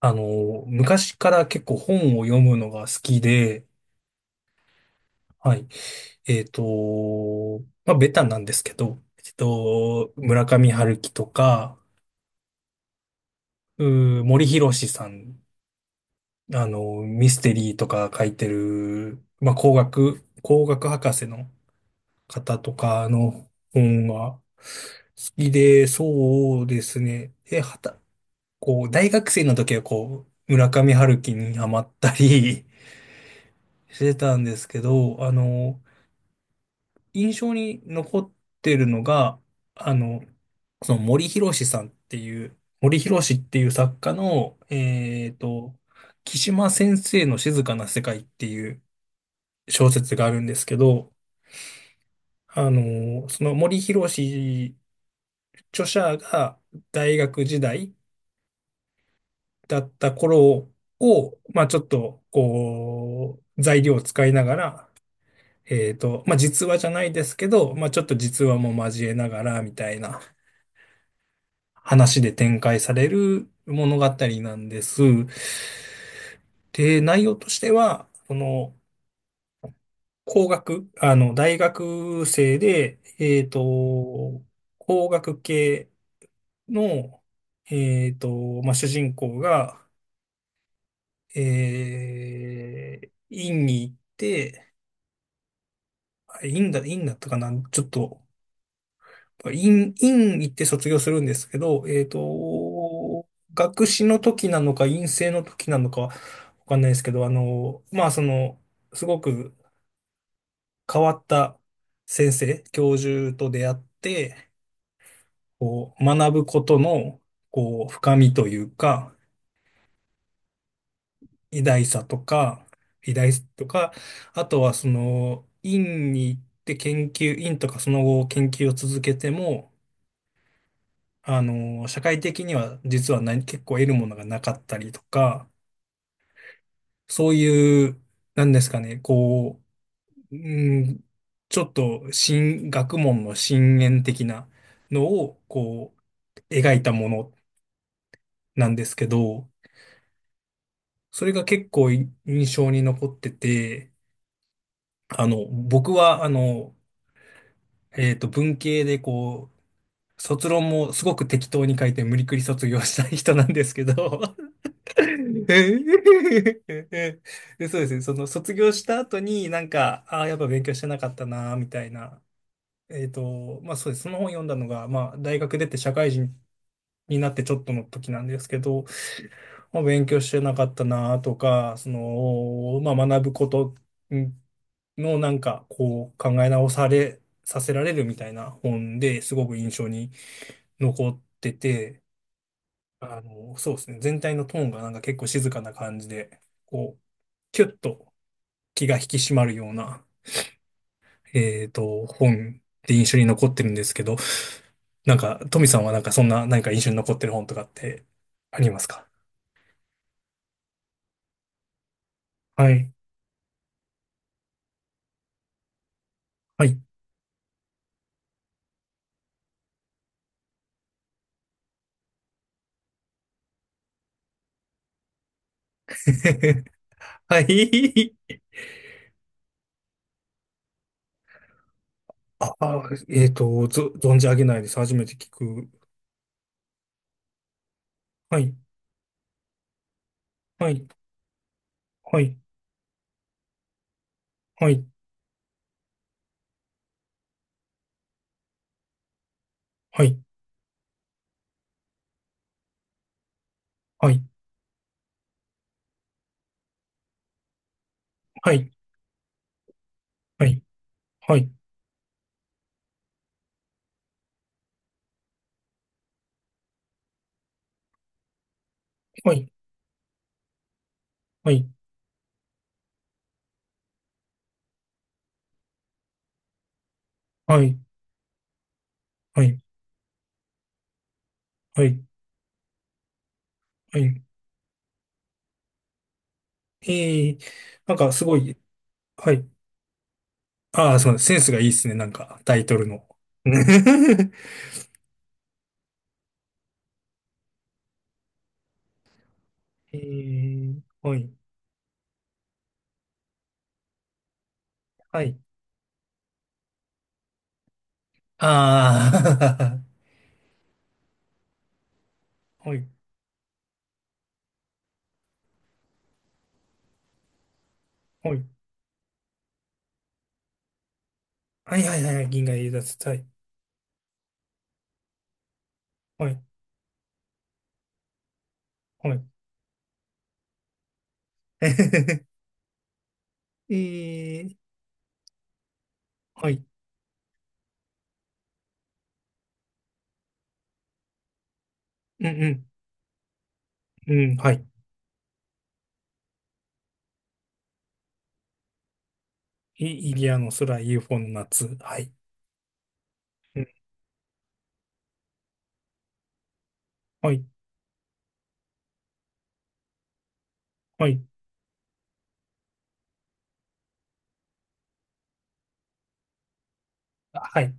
昔から結構本を読むのが好きで、はい。えっと、まあ、ベタなんですけど、村上春樹とか、森博さん、あの、ミステリーとか書いてる、まあ、工学博士の方とかの本が好きで、そうですね。で、はた、こう、大学生の時はこう、村上春樹にハマったり してたんですけど、あの、印象に残ってるのが、あの、その森博さんっていう、森博っていう作家の、木島先生の静かな世界っていう小説があるんですけど、あの、その森博著者が大学時代だった頃を、まあちょっと、こう、材料を使いながら、まあ実話じゃないですけど、まあちょっと実話も交えながら、みたいな。話で展開される物語なんです。で、内容としては、その、工学、あの、大学生で、工学系の、まあ、主人公が、院に行って、院だったかな、ちょっと院行って卒業するんですけど、学士の時なのか、院生の時なのか、わかんないですけど、あの、まあ、その、すごく変わった先生、教授と出会って、こう、学ぶことの、こう、深みというか、偉大さとか、偉大さとか、あとはその、院に行って研究、院とかその後研究を続けても、あの、社会的には実は結構得るものがなかったりとか、そういう、なんですかね、こう、うん、ちょっと新、学問の深淵的なのを、こう、描いたものなんですけど、それが結構い印象に残ってて、あの、僕は、あの、文系でこう、卒論もすごく適当に書いて無理くり卒業したい人なんですけど で、そうですね。その卒業した後になんか、ああ、やっぱ勉強してなかったな、みたいな。まあそうです。その本読んだのが、まあ大学出て社会人になってちょっとの時なんですけど、まあ勉強してなかったな、とか、その、まあ学ぶことうんのなんか、こう考え直され、させられるみたいな本ですごく印象に残ってて、あのそうですね、全体のトーンがなんか結構静かな感じでこうキュッと気が引き締まるような本って印象に残ってるんですけど、なんかトミさんはなんかそんな何か印象に残ってる本とかってありますか？はい。はい。 はい。ああ、えっとぞ存じ上げないです。初めて聞く。はい。はい。はい。はい。はい。はい。はい。はい。はいはいはいはいはいはいはいはいええ。なんかすごい、はい。ああ、そうです、センスがいいですね、なんか、タイトルの。ええ。はい、はい。ああ、はい、はい。はいはいはいはい、銀河英奪隊。はい、はい。ええ。はい。うん。うん、うん、はい。イイリアの空、UFO の夏。はい。うん、はい、はい。はい、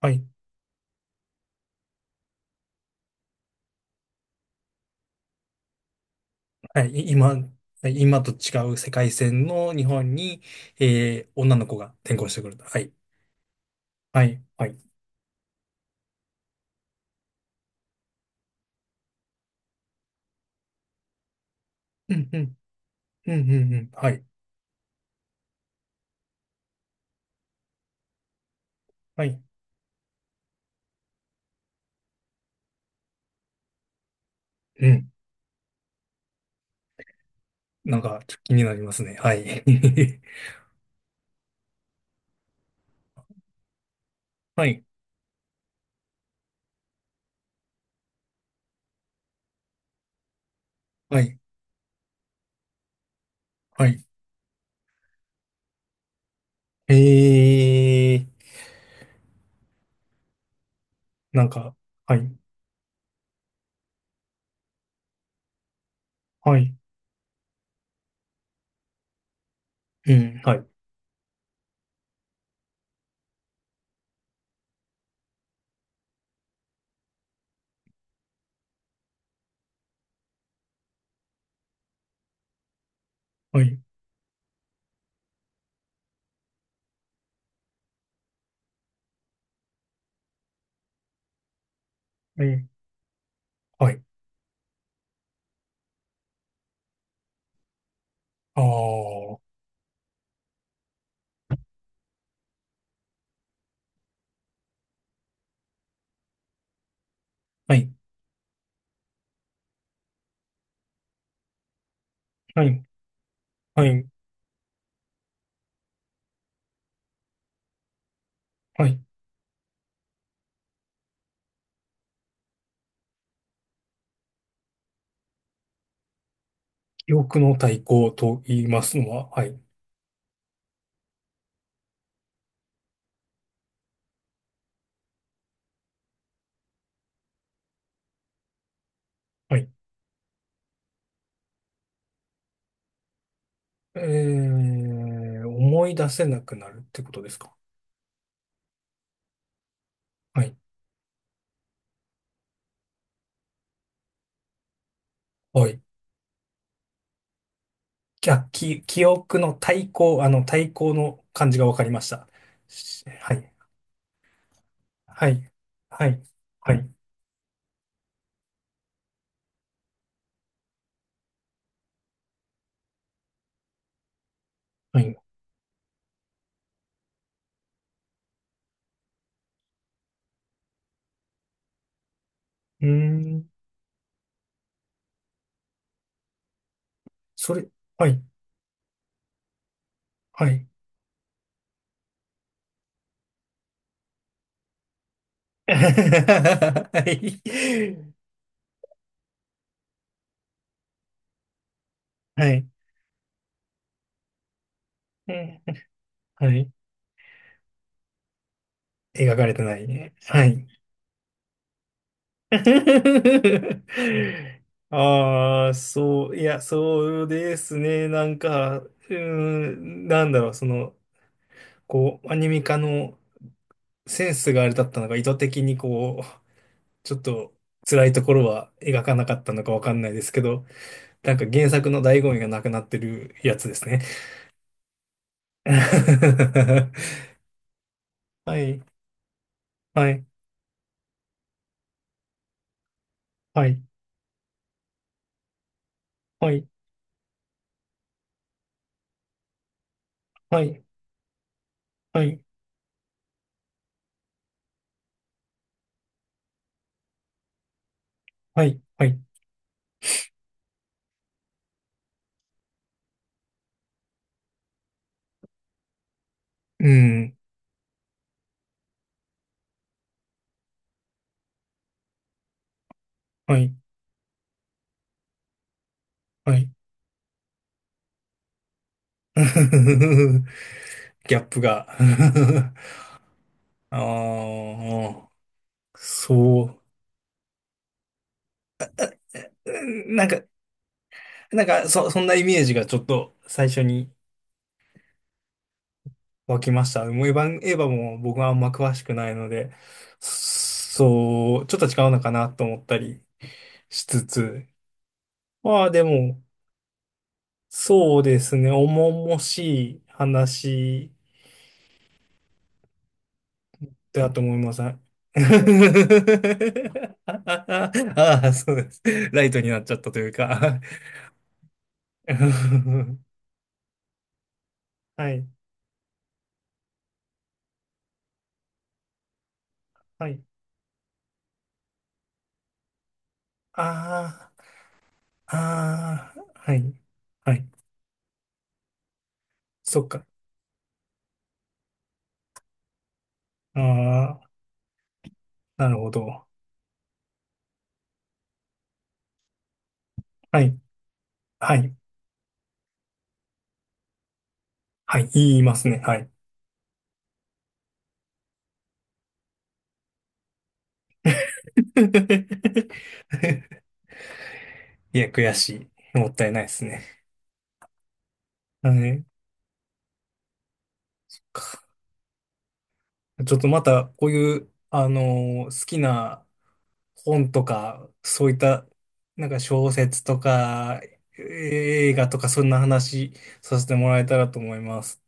はい。はい、い今、はい、今と違う世界線の日本に、えー、女の子が転校してくると。はい。はい、はい。うん、うん、うん、うん、うん、はい、はい。うん。なんか、ちょっと気になりますね。はい。はい、はい、はい。えー、なんか、はい、はい、うん、はい、はい、はい、はい。ああ、はい、はい、はい、はい。記憶の対抗と言いますのは、はい、はい。えー、思い出せなくなるってことですか？はい、はい。きゃ、き、記憶の対抗、あの、対抗の感じがわかりました。しはい。はい。はい。はい。はい。うーん。それ、はい。はい。はい。はい。はい。描かれてないね。はい。ああ、そう、いや、そうですね。なんか、うーん、なんだろう、その、こう、アニメ化のセンスがあれだったのが、意図的にこう、ちょっと辛いところは描かなかったのかわかんないですけど、なんか原作の醍醐味がなくなってるやつですね。はい、はい、はい、はい、はい、はい、はい、はい、うん、はい、はい。ギャップが ああ、そう。うん。なんか、なんか、そんなイメージがちょっと最初に湧きました。もうエヴァも僕はあんま詳しくないので、そう、ちょっと違うのかなと思ったりしつつ。まあでも、そうですね、重々しい話だと思います。ああ、そうです。ライトになっちゃったというか はい、はい。ああ、ああ、はい、はい。そっか。ああ、なるほど。はい。はい。はい、言いますね。はい。いや、悔しい。もったいないですね。あか、ちょっとまた、こういう、あのー好きな本とか、そういった、なんか小説とか、映画とか、そんな話させてもらえたらと思います。